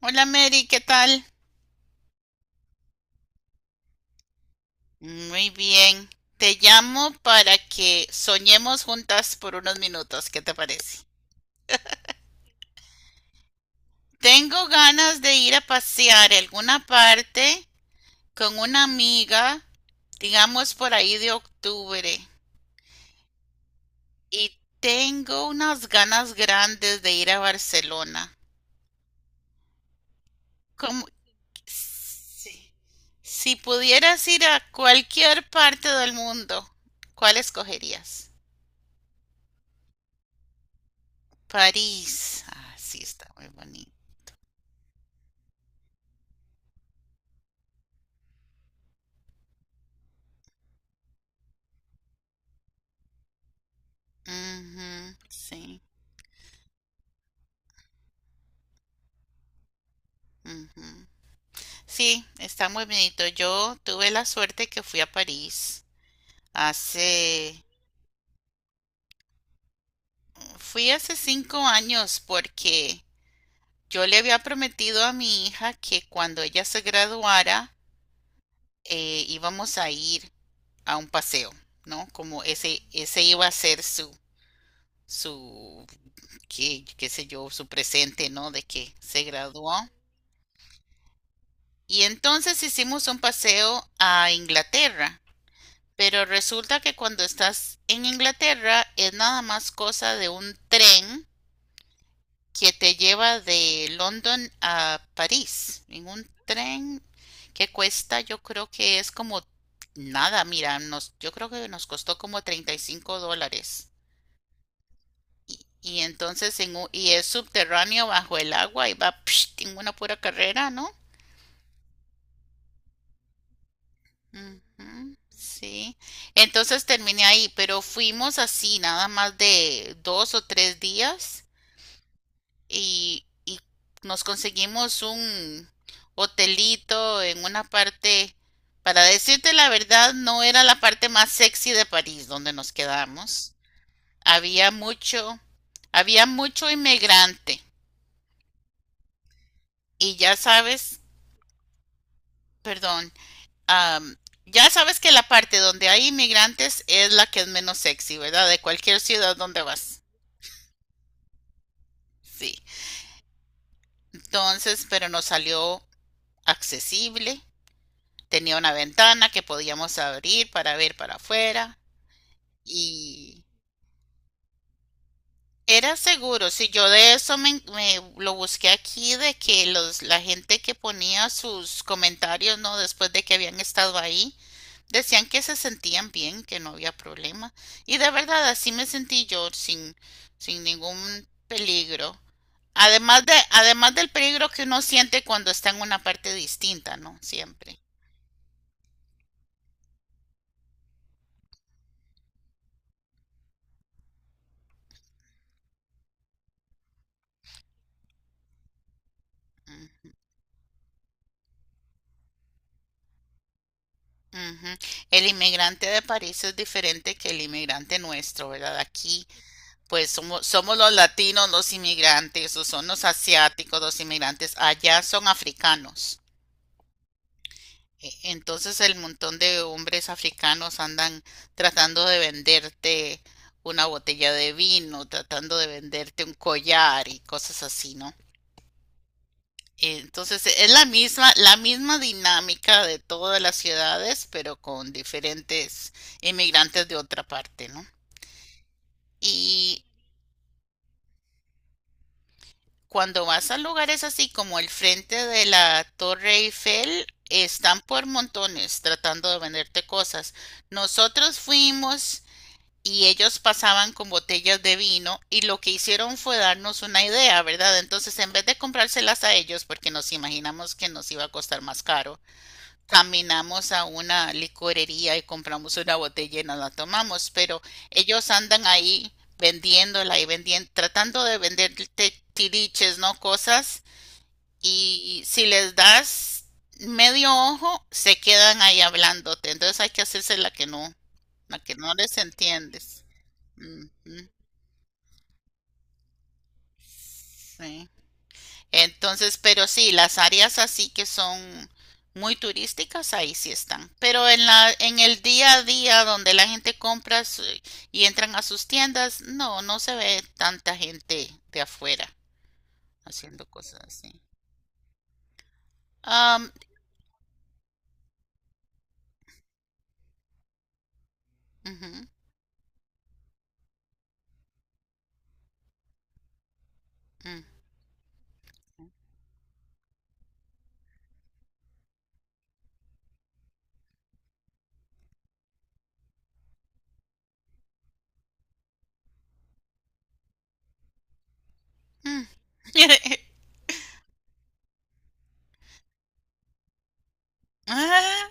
Hola, Mary, ¿qué tal? Muy bien. Te llamo para que soñemos juntas por unos minutos, ¿qué te parece? Tengo ganas de ir a pasear a alguna parte con una amiga, digamos por ahí de octubre, y tengo unas ganas grandes de ir a Barcelona. Como si, si pudieras ir a cualquier parte del mundo, ¿cuál escogerías? París. Ah, sí, está muy bonito. Ujú, sí, ujú. Sí, está muy bonito. Yo tuve la suerte que fui a París hace, fui hace 5 años porque yo le había prometido a mi hija que cuando ella se graduara íbamos a ir a un paseo, ¿no? Como ese iba a ser su, qué, qué sé yo, su presente, ¿no? De que se graduó. Y entonces hicimos un paseo a Inglaterra. Pero resulta que cuando estás en Inglaterra es nada más cosa de un tren que te lleva de London a París. En un tren que cuesta, yo creo que es como nada, mira, nos, yo creo que nos costó como $35. Y entonces en, un- y es subterráneo bajo el agua y va psh, en una pura carrera, ¿no? Ujú, sí, entonces terminé ahí, pero fuimos así, nada más de 2 o 3 días y nos conseguimos un hotelito en una parte, para decirte la verdad, no era la parte más sexy de París donde nos quedamos. Había mucho, había mucho inmigrante y ya sabes, perdón. um, ya sabes que la parte donde hay inmigrantes es la que es menos sexy, ¿verdad? De cualquier ciudad donde vas. Sí. Entonces, pero nos salió accesible. Tenía una ventana que podíamos abrir para ver para afuera. Y era seguro. Si yo de eso me, me lo busqué aquí, de que los, la gente que ponía sus comentarios, ¿no? Después de que habían estado ahí, decían que se sentían bien, que no había problema. Y de verdad, así me sentí yo, sin, sin ningún peligro. Además de, además del peligro que uno siente cuando está en una parte distinta, ¿no? Siempre. Mm, ujú. El inmigrante de París es diferente que el inmigrante nuestro, ¿verdad? Aquí, pues somos, somos los latinos, los inmigrantes, o son los asiáticos, los inmigrantes. Allá son africanos. E- entonces el montón de hombres africanos andan tratando de venderte una botella de vino, tratando de venderte un collar y cosas así, ¿no? Entonces es la misma dinámica de todas las ciudades, pero con diferentes inmigrantes de otra parte, ¿no? Y cuando vas a lugares así como el frente de la Torre Eiffel, están por montones tratando de venderte cosas. Nosotros fuimos y ellos pasaban con botellas de vino y lo que hicieron fue darnos una idea, ¿verdad? Entonces, en vez de comprárselas a ellos, porque nos imaginamos que nos iba a costar más caro, caminamos a una licorería y compramos una botella y nos la tomamos, pero ellos andan ahí vendiéndola y vendiendo, tratando de venderte tiriches, ¿no? Cosas, y si les das medio ojo, se quedan ahí hablándote. Entonces hay que hacerse la que no les entiendes. Ujú, sí. Entonces, pero sí, las áreas así que son muy turísticas, ahí sí están. Pero en la, en el día a día donde la gente compra su- y entran a sus tiendas, no, no se ve tanta gente de afuera haciendo cosas así. Am, ujú, mm, mm. Ah,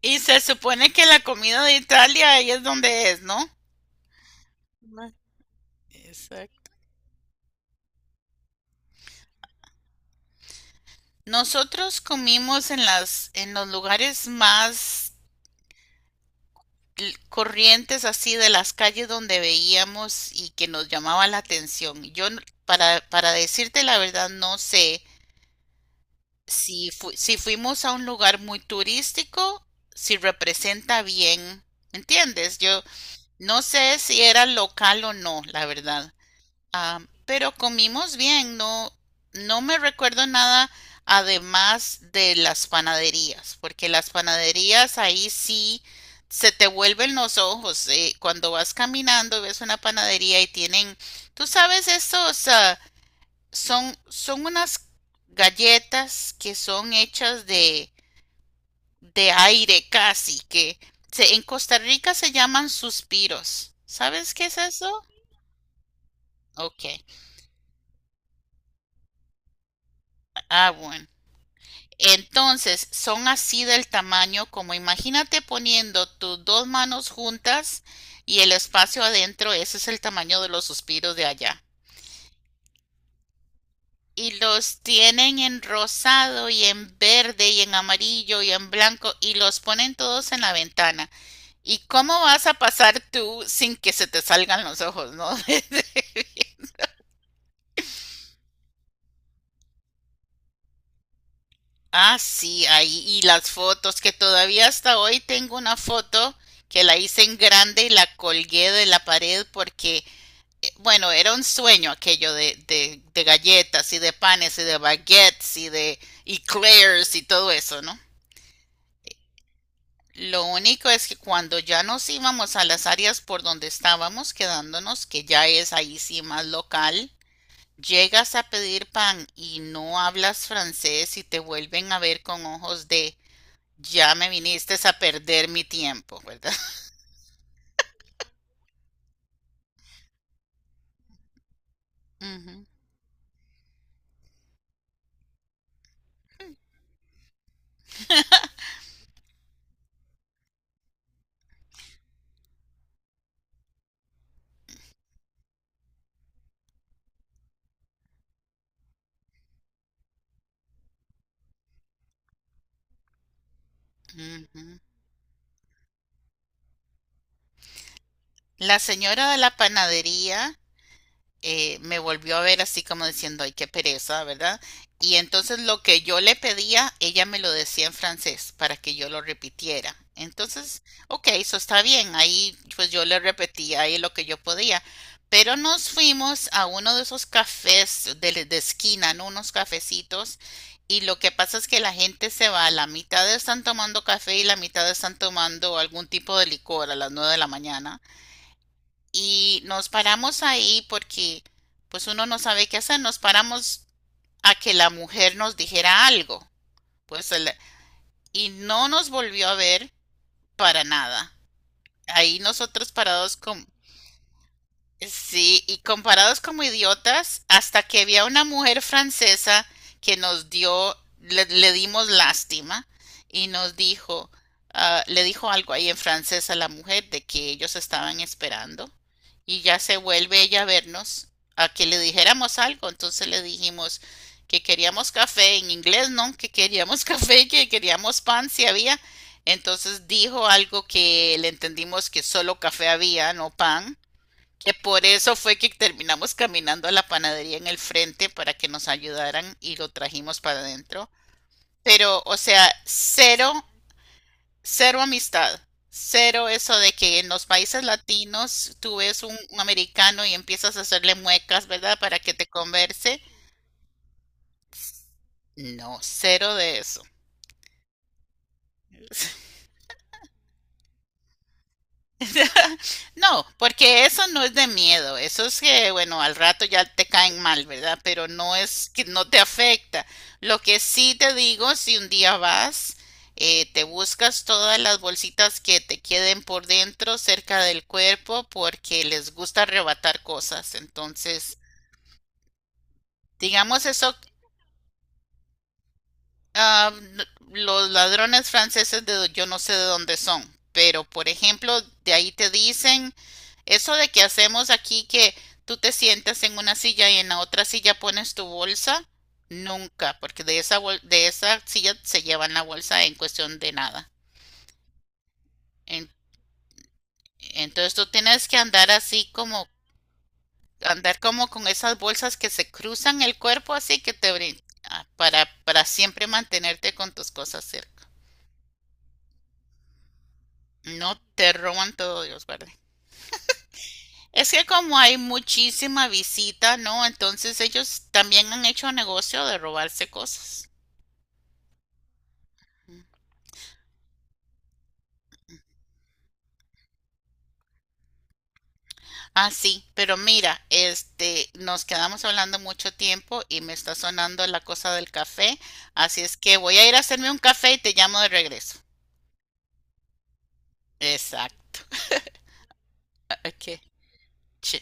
y se supone que la comida de Italia ahí es donde es, ¿no? Ma- exacto. Nosotros comimos en las, en los lugares más l- corrientes así de las calles donde veíamos y que nos llamaba la atención. Yo, n- para decirte la verdad, no sé si, fu- si fuimos a un lugar muy turístico, si representa bien, ¿me entiendes? Yo no sé si era local o no, la verdad. Ah, pero comimos bien, no, no me recuerdo nada además de las panaderías, porque las panaderías ahí sí se te vuelven los ojos. Cuando vas caminando y ves una panadería y tienen, tú sabes, estos ah, son, son unas galletas que son hechas de aire casi, que se- en Costa Rica se llaman suspiros. ¿Sabes qué es eso? Ok. Ah, bueno. Entonces, son así del tamaño como imagínate poniendo tus dos manos juntas y el espacio adentro, ese es el tamaño de los suspiros de allá. Y los tienen en rosado y en verde y en amarillo y en blanco y los ponen todos en la ventana. ¿Y cómo vas a pasar tú sin que se te salgan los ojos, no? Ah, sí, ahí. Y las fotos, que todavía hasta hoy tengo una foto que la hice en grande y la colgué de la pared porque, bueno, era un sueño aquello de galletas y de panes y de baguettes y de eclairs y todo eso, ¿no? Lo único es que cuando ya nos íbamos a las áreas por donde estábamos quedándonos, que ya es ahí sí más local, llegas a pedir pan y no hablas francés y te vuelven a ver con ojos de ya me viniste a perder mi tiempo, ¿verdad? Ujú, ujú. La señora de la panadería me volvió a ver así como diciendo, ay, qué pereza, ¿verdad? Y entonces lo que yo le pedía, ella me lo decía en francés para que yo lo repitiera. Entonces, ok, eso está bien. Ahí pues yo le repetía ahí lo que yo podía. Pero nos fuimos a uno de esos cafés de esquina, ¿no? Unos cafecitos. Y lo que pasa es que la gente se va, la mitad están tomando café y la mitad están tomando algún tipo de licor a las 9 de la mañana y nos paramos ahí porque pues uno no sabe qué hacer, nos paramos a que la mujer nos dijera algo, pues el- y no nos volvió a ver para nada. Ahí nosotros parados con, sí, y comparados como idiotas, hasta que había una mujer francesa que nos dio, le dimos lástima y nos dijo, ah, le dijo algo ahí en francés a la mujer de que ellos estaban esperando y ya se vuelve ella a vernos a que le dijéramos algo. Entonces le dijimos que queríamos café en inglés, ¿no? Que queríamos café, que queríamos pan si había. Entonces dijo algo que le entendimos que solo café había, no pan. Que por eso fue que terminamos caminando a la panadería en el frente para que nos ayudaran y lo trajimos para adentro. Pero, o sea, cero, cero amistad. Cero eso de que en los países latinos tú ves un americano y empiezas a hacerle muecas, ¿verdad? Para que te converse. No, cero de eso. No, porque eso no es de miedo, eso es que, bueno, al rato ya te caen mal, ¿verdad? Pero no es que no te afecta. Lo que sí te digo, si un día vas, te buscas todas las bolsitas que te queden por dentro, cerca del cuerpo, porque les gusta arrebatar cosas. Entonces, digamos eso. Ah, los ladrones franceses de yo no sé de dónde son, pero por ejemplo, de ahí te dicen eso de que hacemos aquí que tú te sientas en una silla y en la otra silla pones tu bolsa, nunca, porque de esa bol- de esa silla se llevan la bolsa en cuestión de nada. En- entonces tú tienes que andar así como andar como con esas bolsas que se cruzan el cuerpo así que te brin- ah, para siempre mantenerte con tus cosas cerca. No te roban todo, Dios guarde. Es que como hay muchísima visita, ¿no? Entonces ellos también han hecho negocio de robarse cosas. Ah, sí, pero mira, este, nos quedamos hablando mucho tiempo y me está sonando la cosa del café, así es que voy a ir a hacerme un café y te llamo de regreso. Exacto. Ok, ch-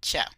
chao.